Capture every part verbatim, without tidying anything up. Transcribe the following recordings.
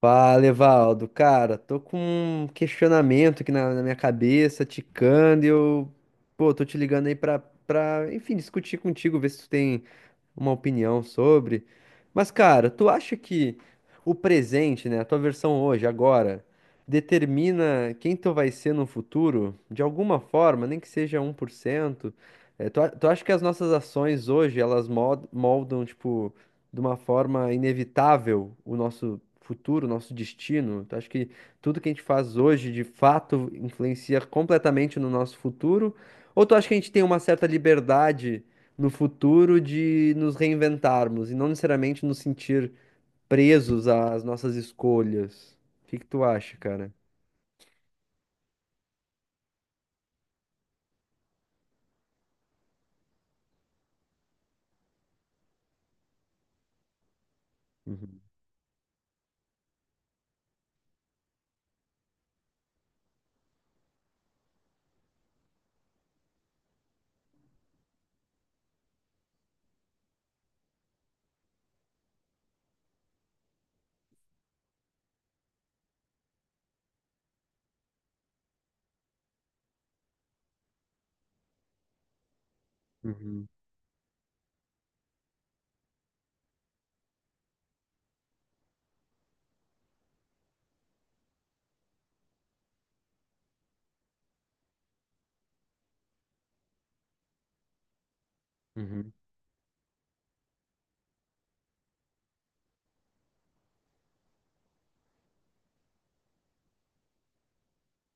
Fala, Evaldo. Cara, tô com um questionamento aqui na, na minha cabeça, ticando, e eu, pô, tô te ligando aí pra, pra, enfim, discutir contigo, ver se tu tem uma opinião sobre. Mas, cara, tu acha que o presente, né, a tua versão hoje, agora, determina quem tu vai ser no futuro, de alguma forma, nem que seja um 1%? É, tu, a- tu acha que as nossas ações hoje, elas mod- moldam, tipo, de uma forma inevitável o nosso futuro, o nosso destino? Tu acha que tudo que a gente faz hoje, de fato, influencia completamente no nosso futuro? Ou tu acha que a gente tem uma certa liberdade no futuro de nos reinventarmos e não necessariamente nos sentir presos às nossas escolhas. O que que tu acha, cara? Uhum, uhum, uhum,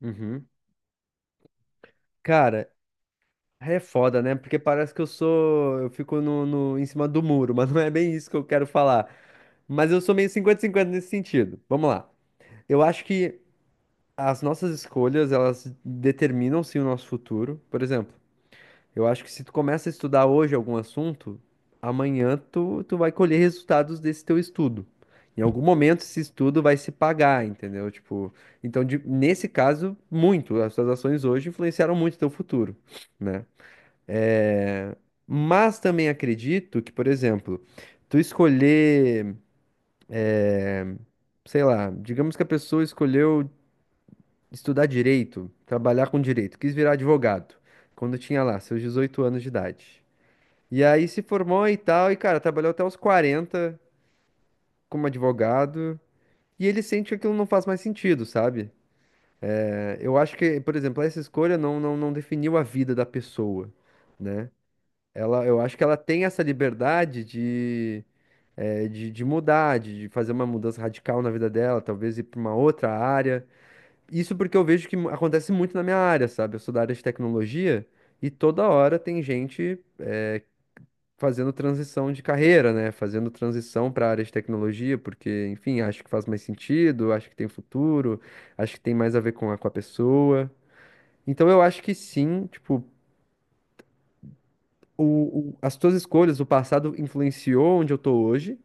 uhum. Cara, é foda, né? Porque parece que eu sou. Eu fico no, no- em cima do muro, mas não é bem isso que eu quero falar. Mas eu sou meio 50 cinquenta nesse sentido. Vamos lá. Eu acho que as nossas escolhas, elas determinam sim o nosso futuro. Por exemplo, eu acho que se tu começa a estudar hoje algum assunto, amanhã tu, tu vai colher resultados desse teu estudo. Em algum momento esse estudo vai se pagar, entendeu? Tipo, então de- nesse caso, muito. As suas ações hoje influenciaram muito o teu futuro, né? É, Mas também acredito que, por exemplo, tu escolher, sei lá, digamos que a pessoa escolheu estudar direito, trabalhar com direito, quis virar advogado, quando tinha lá seus dezoito anos de idade. E aí se formou e tal, e cara, trabalhou até os quarenta como advogado, e ele sente que aquilo não faz mais sentido, sabe? É, Eu acho que, por exemplo, essa escolha não, não, não definiu a vida da pessoa, né? Ela, eu acho que ela tem essa liberdade de, é, de, de mudar, de, de fazer uma mudança radical na vida dela, talvez ir para uma outra área. Isso porque eu vejo que mu- acontece muito na minha área, sabe? Eu sou da área de tecnologia e toda hora tem gente fazendo transição de carreira, né? Fazendo transição para a área de tecnologia, porque, enfim, acho que faz mais sentido, acho que tem futuro, acho que tem mais a ver com a, com a, pessoa. Então eu acho que sim, tipo, o, o- as tuas escolhas, o passado influenciou onde eu tô hoje,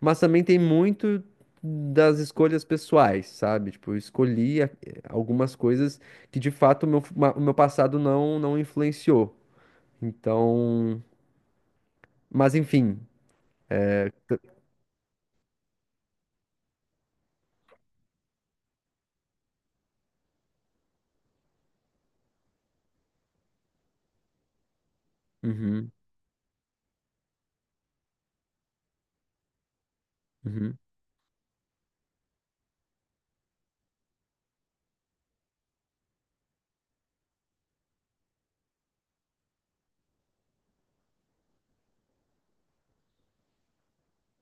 mas também tem muito das escolhas pessoais, sabe? Tipo, eu escolhi a- algumas coisas que de fato o meu, fu- ma- o meu passado não, não influenciou. Então, mas enfim. Uhum, uhum,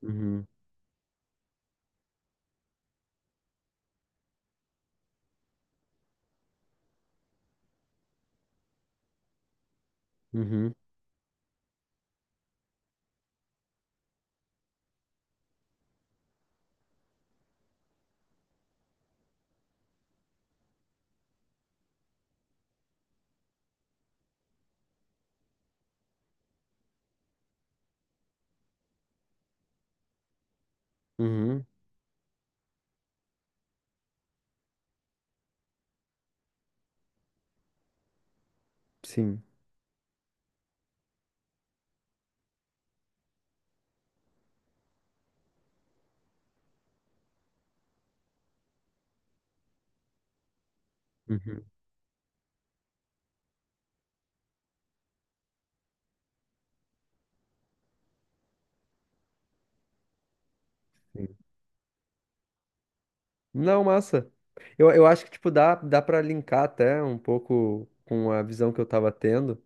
uhum. Uhum, uhum, sim, uhum, sim. Não, massa. Eu, eu acho que, tipo, dá, dá pra linkar até um pouco com a visão que eu tava tendo.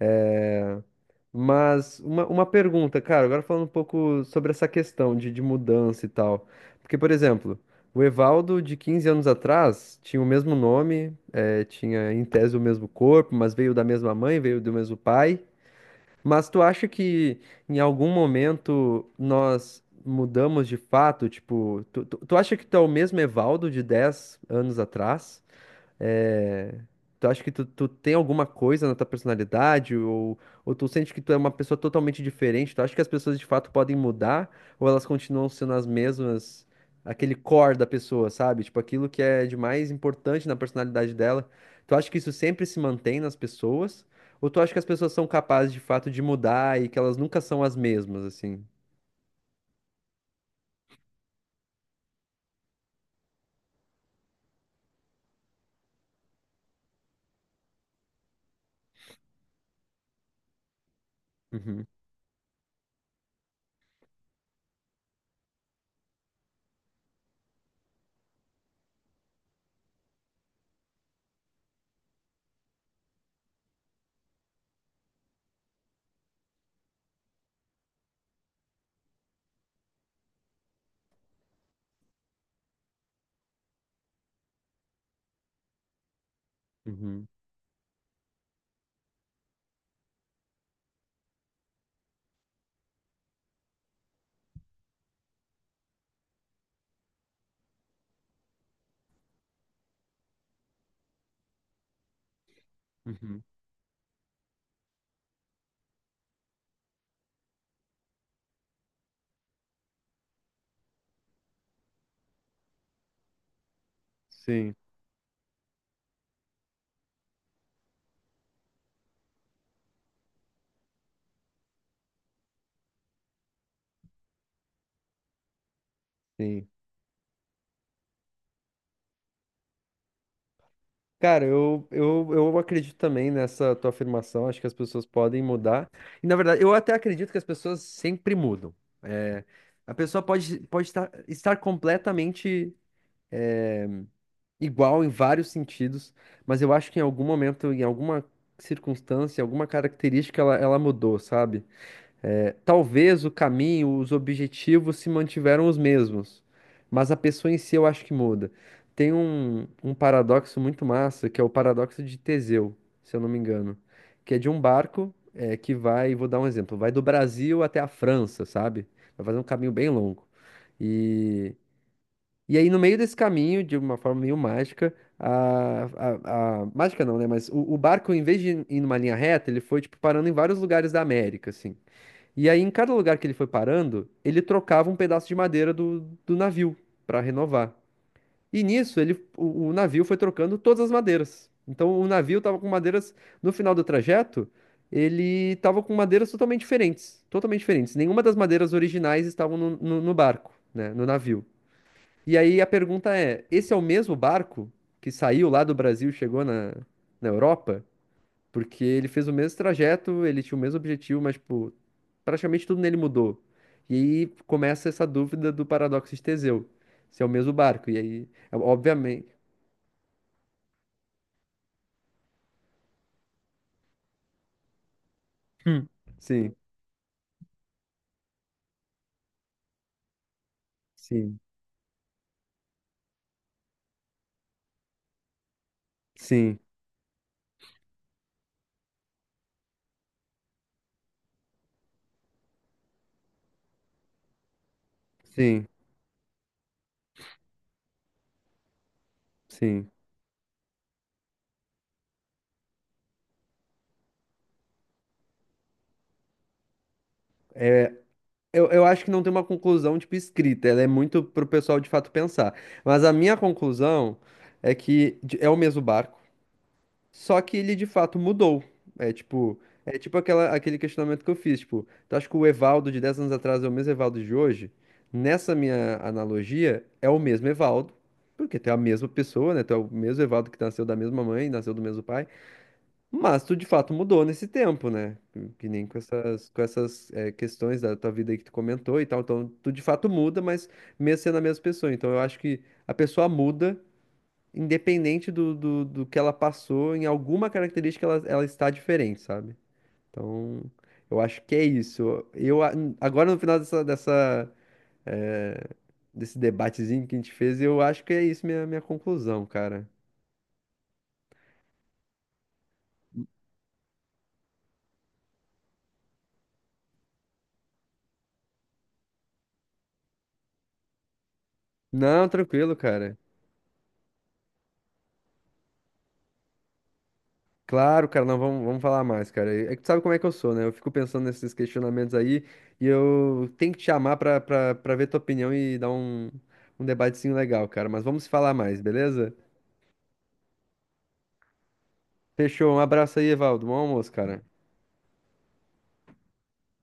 É, Mas uma, uma pergunta, cara, agora falando um pouco sobre essa questão de, de mudança e tal. Porque, por exemplo, o Evaldo de quinze anos atrás tinha o mesmo nome, é, tinha em tese o mesmo corpo, mas veio da mesma mãe, veio do mesmo pai. Mas tu acha que em algum momento nós mudamos de fato? Tipo, tu, tu, tu acha que tu é o mesmo Evaldo de dez anos atrás? É, Tu acha que tu, tu tem alguma coisa na tua personalidade? Ou, ou tu sente que tu é uma pessoa totalmente diferente? Tu acha que as pessoas de fato podem mudar? Ou elas continuam sendo as mesmas? Aquele core da pessoa, sabe? Tipo, aquilo que é de mais importante na personalidade dela. Tu acha que isso sempre se mantém nas pessoas? Ou tu acha que as pessoas são capazes de fato de mudar e que elas nunca são as mesmas, assim? Uhum, uhum, uhum. Sim, sim. Cara, eu, eu, eu acredito também nessa tua afirmação. Acho que as pessoas podem mudar. E, na verdade, eu até acredito que as pessoas sempre mudam. É, a pessoa pode, pode estar, estar completamente igual em vários sentidos, mas eu acho que em algum momento, em alguma circunstância, alguma característica, ela, ela mudou, sabe? É, talvez o caminho, os objetivos se mantiveram os mesmos, mas a pessoa em si eu acho que muda. Tem um, um paradoxo muito massa, que é o paradoxo de Teseu, se eu não me engano, que é de um barco é, que vai, vou dar um exemplo, vai do Brasil até a França, sabe? Vai fazer um caminho bem longo. E, e aí, no meio desse caminho, de uma forma meio mágica, a, a, a- mágica não, né? Mas o, o barco, em vez de ir numa linha reta, ele foi, tipo, parando em vários lugares da América, assim. E aí, em cada lugar que ele foi parando, ele trocava um pedaço de madeira do, do navio para renovar. E nisso, ele, o, o navio foi trocando todas as madeiras. Então, o navio tava com madeiras. No final do trajeto, ele tava com madeiras totalmente diferentes. Totalmente diferentes. Nenhuma das madeiras originais estavam no, no, no barco, né? No navio. E aí a pergunta é: esse é o mesmo barco que saiu lá do Brasil e chegou na, na Europa? Porque ele fez o mesmo trajeto, ele tinha o mesmo objetivo, mas, tipo, praticamente tudo nele mudou. E aí começa essa dúvida do paradoxo de Teseu, se é o mesmo barco. E aí, é- obviamente. Hum. Sim, sim, sim, sim, sim. Eu, eu acho que não tem uma conclusão, tipo, escrita. Ela é muito pro pessoal de fato pensar. Mas a minha conclusão é que de- é o mesmo barco. Só que ele de fato mudou. É tipo, é tipo aquela, aquele questionamento que eu fiz, tipo, tu acha que o Evaldo de dez anos atrás é o mesmo Evaldo de hoje? Nessa minha analogia, é o mesmo Evaldo, porque tu é a mesma pessoa, né? Tu é o mesmo Evaldo que nasceu da mesma mãe, nasceu do mesmo pai, mas tu de fato mudou nesse tempo, né? Que nem com essas, com essas é, questões da tua vida aí que tu comentou e tal. Então, tu de fato muda, mas mesmo sendo a mesma pessoa. Então, eu acho que a pessoa muda independente do, do, do que ela passou, em alguma característica ela, ela está diferente, sabe? Então, eu acho que é isso. Eu, a- Agora no final dessa, dessa, eh, desse debatezinho que a gente fez, eu acho que é isso minha, minha conclusão, cara. Não, tranquilo, cara. Claro, cara, não, vamos, vamos falar mais, cara. É que tu sabe como é que eu sou, né? Eu fico pensando nesses questionamentos aí e eu tenho que te chamar pra, pra, pra ver tua opinião e dar um, um debatezinho legal, cara. Mas vamos falar mais, beleza? Fechou. Um abraço aí, Evaldo. Bom almoço, cara.